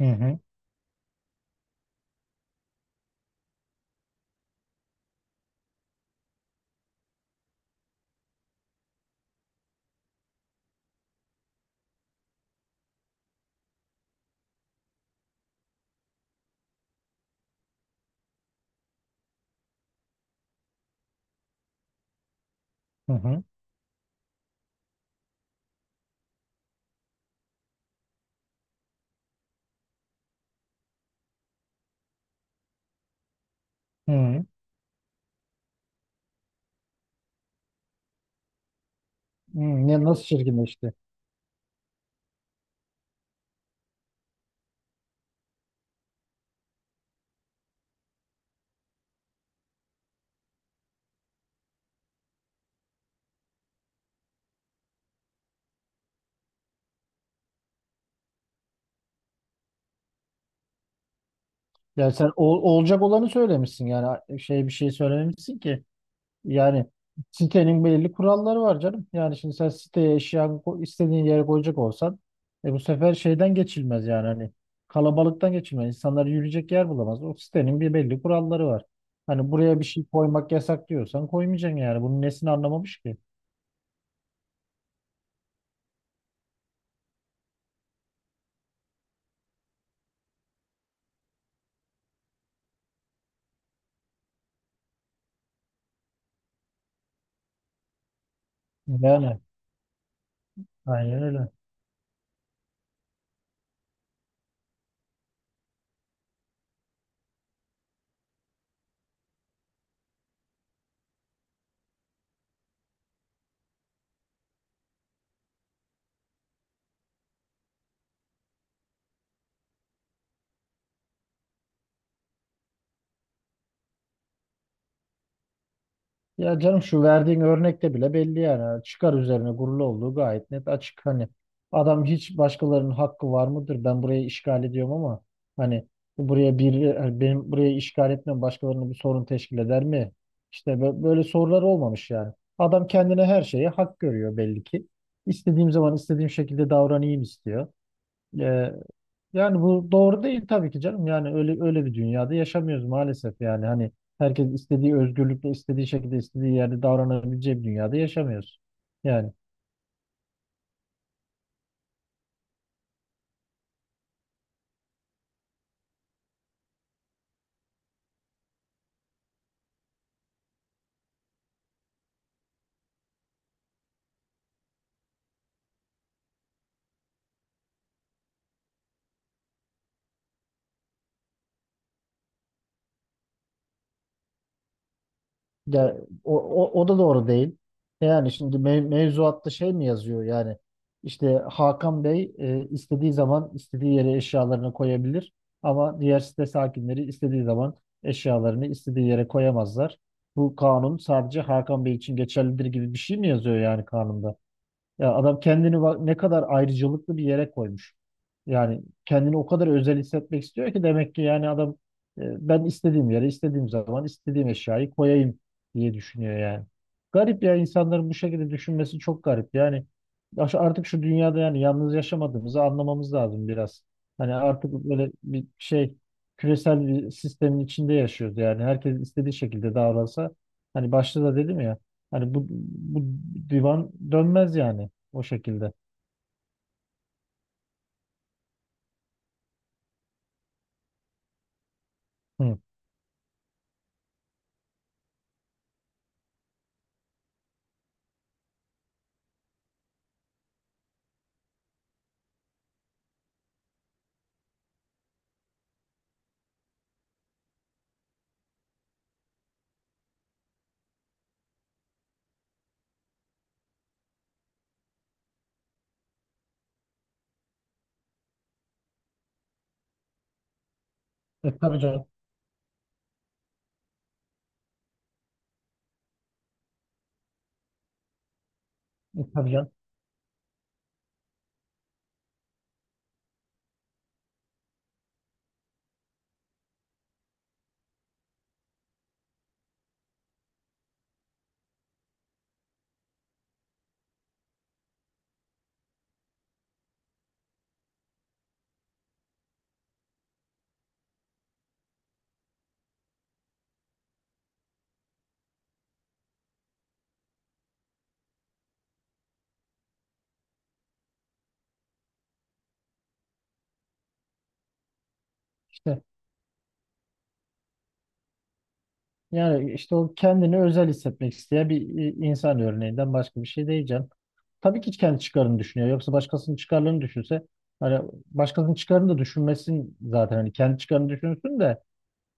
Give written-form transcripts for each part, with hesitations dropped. Hı hı, hı hı, hı hı. Nasıl çirkinleşti? Yani sen olacak olanı söylemişsin yani bir şey söylememişsin ki. Yani sitenin belirli kuralları var canım. Yani şimdi sen siteye eşyanı istediğin yere koyacak olsan bu sefer şeyden geçilmez yani hani kalabalıktan geçilmez. İnsanlar yürüyecek yer bulamaz. O sitenin bir belli kuralları var. Hani buraya bir şey koymak yasak diyorsan koymayacaksın yani. Bunun nesini anlamamış ki? Yani aynen öyle. Ya canım şu verdiğin örnekte bile belli yani. Çıkar üzerine kurulu olduğu gayet net açık. Hani adam hiç başkalarının hakkı var mıdır? Ben burayı işgal ediyorum ama hani buraya bir hani benim buraya işgal etmem başkalarına bir sorun teşkil eder mi? İşte böyle sorular olmamış yani. Adam kendine her şeye hak görüyor belli ki. İstediğim zaman istediğim şekilde davranayım istiyor. Ee, Yani bu doğru değil tabii ki canım. Yani öyle öyle bir dünyada yaşamıyoruz maalesef. Yani hani herkes istediği özgürlükle istediği şekilde istediği yerde davranabileceği bir dünyada yaşamıyoruz. Yani ya o da doğru değil. E yani şimdi mevzuatta şey mi yazıyor yani işte Hakan Bey istediği zaman istediği yere eşyalarını koyabilir ama diğer site sakinleri istediği zaman eşyalarını istediği yere koyamazlar. Bu kanun sadece Hakan Bey için geçerlidir gibi bir şey mi yazıyor yani kanunda? Ya adam kendini bak ne kadar ayrıcalıklı bir yere koymuş. Yani kendini o kadar özel hissetmek istiyor ki demek ki yani adam e, ben istediğim yere, istediğim zaman, istediğim eşyayı koyayım diye düşünüyor yani. Garip ya insanların bu şekilde düşünmesi çok garip. Yani ya artık şu dünyada yani yalnız yaşamadığımızı anlamamız lazım biraz. Hani artık böyle bir şey küresel bir sistemin içinde yaşıyoruz yani. Herkes istediği şekilde davransa hani başta da dedim ya hani bu divan dönmez yani. O şekilde. Hı. E, tabii canım. E, tabii canım. İşte yani işte o kendini özel hissetmek isteyen bir insan örneğinden başka bir şey değil canım. Tabii ki kendi çıkarını düşünüyor. Yoksa başkasının çıkarlarını düşünse hani başkasının çıkarını da düşünmesin zaten. Hani kendi çıkarını düşünsün de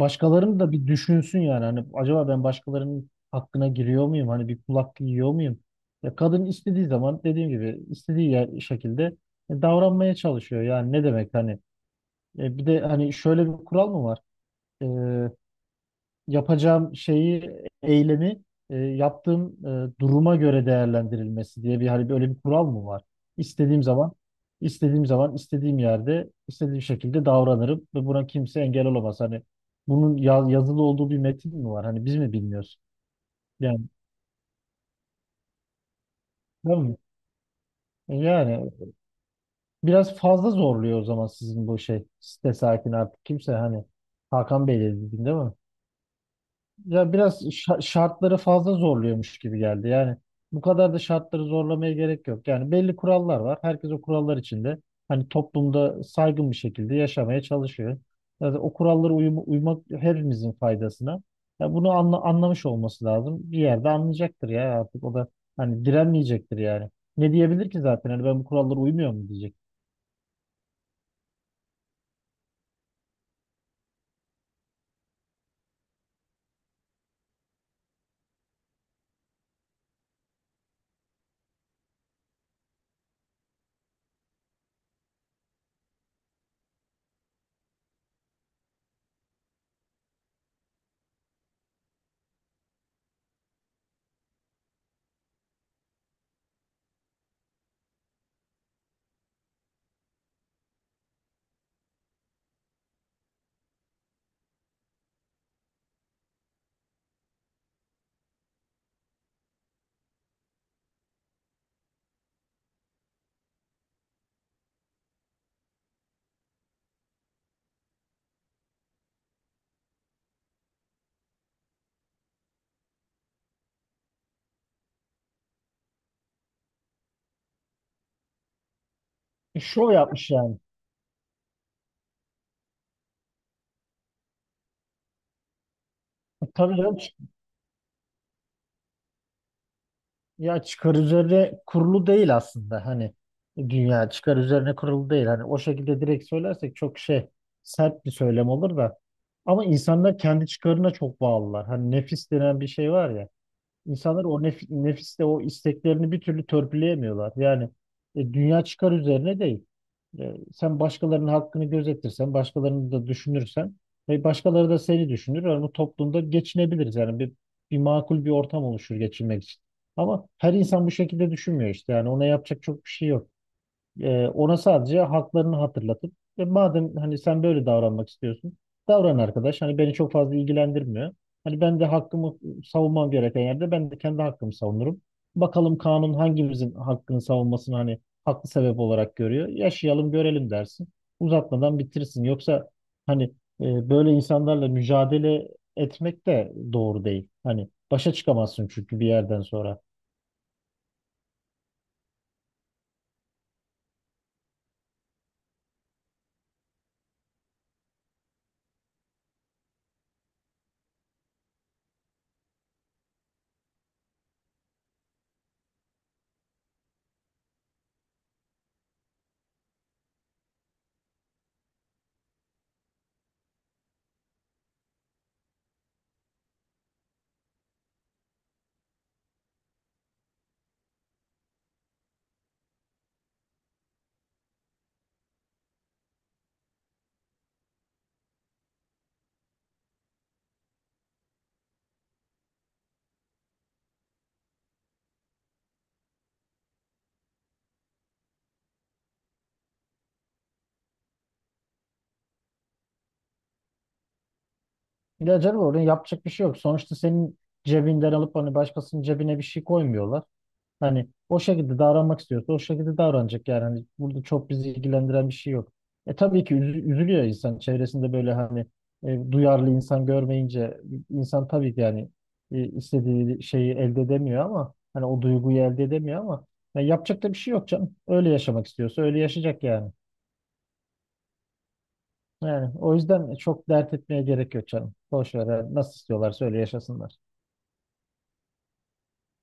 başkalarını da bir düşünsün yani. Hani acaba ben başkalarının hakkına giriyor muyum? Hani bir kulak yiyor muyum? Ya kadın istediği zaman dediğim gibi istediği yer, şekilde davranmaya çalışıyor. Yani ne demek hani. E, bir de hani şöyle bir kural mı var? e, Yapacağım şeyi, eylemi yaptığım duruma göre değerlendirilmesi diye bir hani böyle bir kural mı var? İstediğim zaman, istediğim zaman, istediğim yerde, istediğim şekilde davranırım ve buna kimse engel olamaz. Hani bunun yazılı olduğu bir metin mi var? Hani biz mi bilmiyoruz? Yani değil mi? E, yani biraz fazla zorluyor o zaman sizin bu şey site sakin artık kimse hani Hakan Bey dedi değil mi? Ya biraz şartları fazla zorluyormuş gibi geldi. Yani bu kadar da şartları zorlamaya gerek yok. Yani belli kurallar var. Herkes o kurallar içinde hani toplumda saygın bir şekilde yaşamaya çalışıyor. Yani o kurallara uymak hepimizin faydasına. Ya bunu anla anlamış olması lazım. Bir yerde anlayacaktır ya artık o da hani direnmeyecektir yani. Ne diyebilir ki zaten? Hani ben bu kurallara uymuyor mu diyecek. E, şov yapmış yani. E, tabii canım. Ya çıkar üzerine kurulu değil aslında hani dünya çıkar üzerine kurulu değil hani o şekilde direkt söylersek çok şey sert bir söylem olur da ama insanlar kendi çıkarına çok bağlılar hani nefis denen bir şey var ya. İnsanlar o nefiste o isteklerini bir türlü törpüleyemiyorlar. Yani dünya çıkar üzerine değil. E, sen başkalarının hakkını gözetirsen, başkalarını da düşünürsen ve başkaları da seni düşünür. Yani bu toplumda geçinebiliriz. Yani bir makul bir ortam oluşur geçinmek için. Ama her insan bu şekilde düşünmüyor işte. Yani ona yapacak çok bir şey yok. Ona sadece haklarını hatırlatıp "E, madem hani sen böyle davranmak istiyorsun davran arkadaş. Hani beni çok fazla ilgilendirmiyor. Hani ben de hakkımı savunmam gereken yerde ben de kendi hakkımı savunurum. Bakalım kanun hangimizin hakkını savunmasını hani haklı sebep olarak görüyor. Yaşayalım görelim dersin. Uzatmadan bitirsin. Yoksa hani böyle insanlarla mücadele etmek de doğru değil. Hani başa çıkamazsın çünkü bir yerden sonra. Ya canım orada yapacak bir şey yok. Sonuçta senin cebinden alıp hani başkasının cebine bir şey koymuyorlar. Hani o şekilde davranmak istiyorsa o şekilde davranacak yani. Hani burada çok bizi ilgilendiren bir şey yok. E tabii ki üzülüyor insan çevresinde böyle hani duyarlı insan görmeyince insan tabii ki yani istediği şeyi elde edemiyor ama hani o duyguyu elde edemiyor ama ya yapacak da bir şey yok canım. Öyle yaşamak istiyorsa öyle yaşayacak yani. Yani o yüzden çok dert etmeye gerek yok canım. Boş ver. Yani nasıl istiyorlarsa öyle yaşasınlar.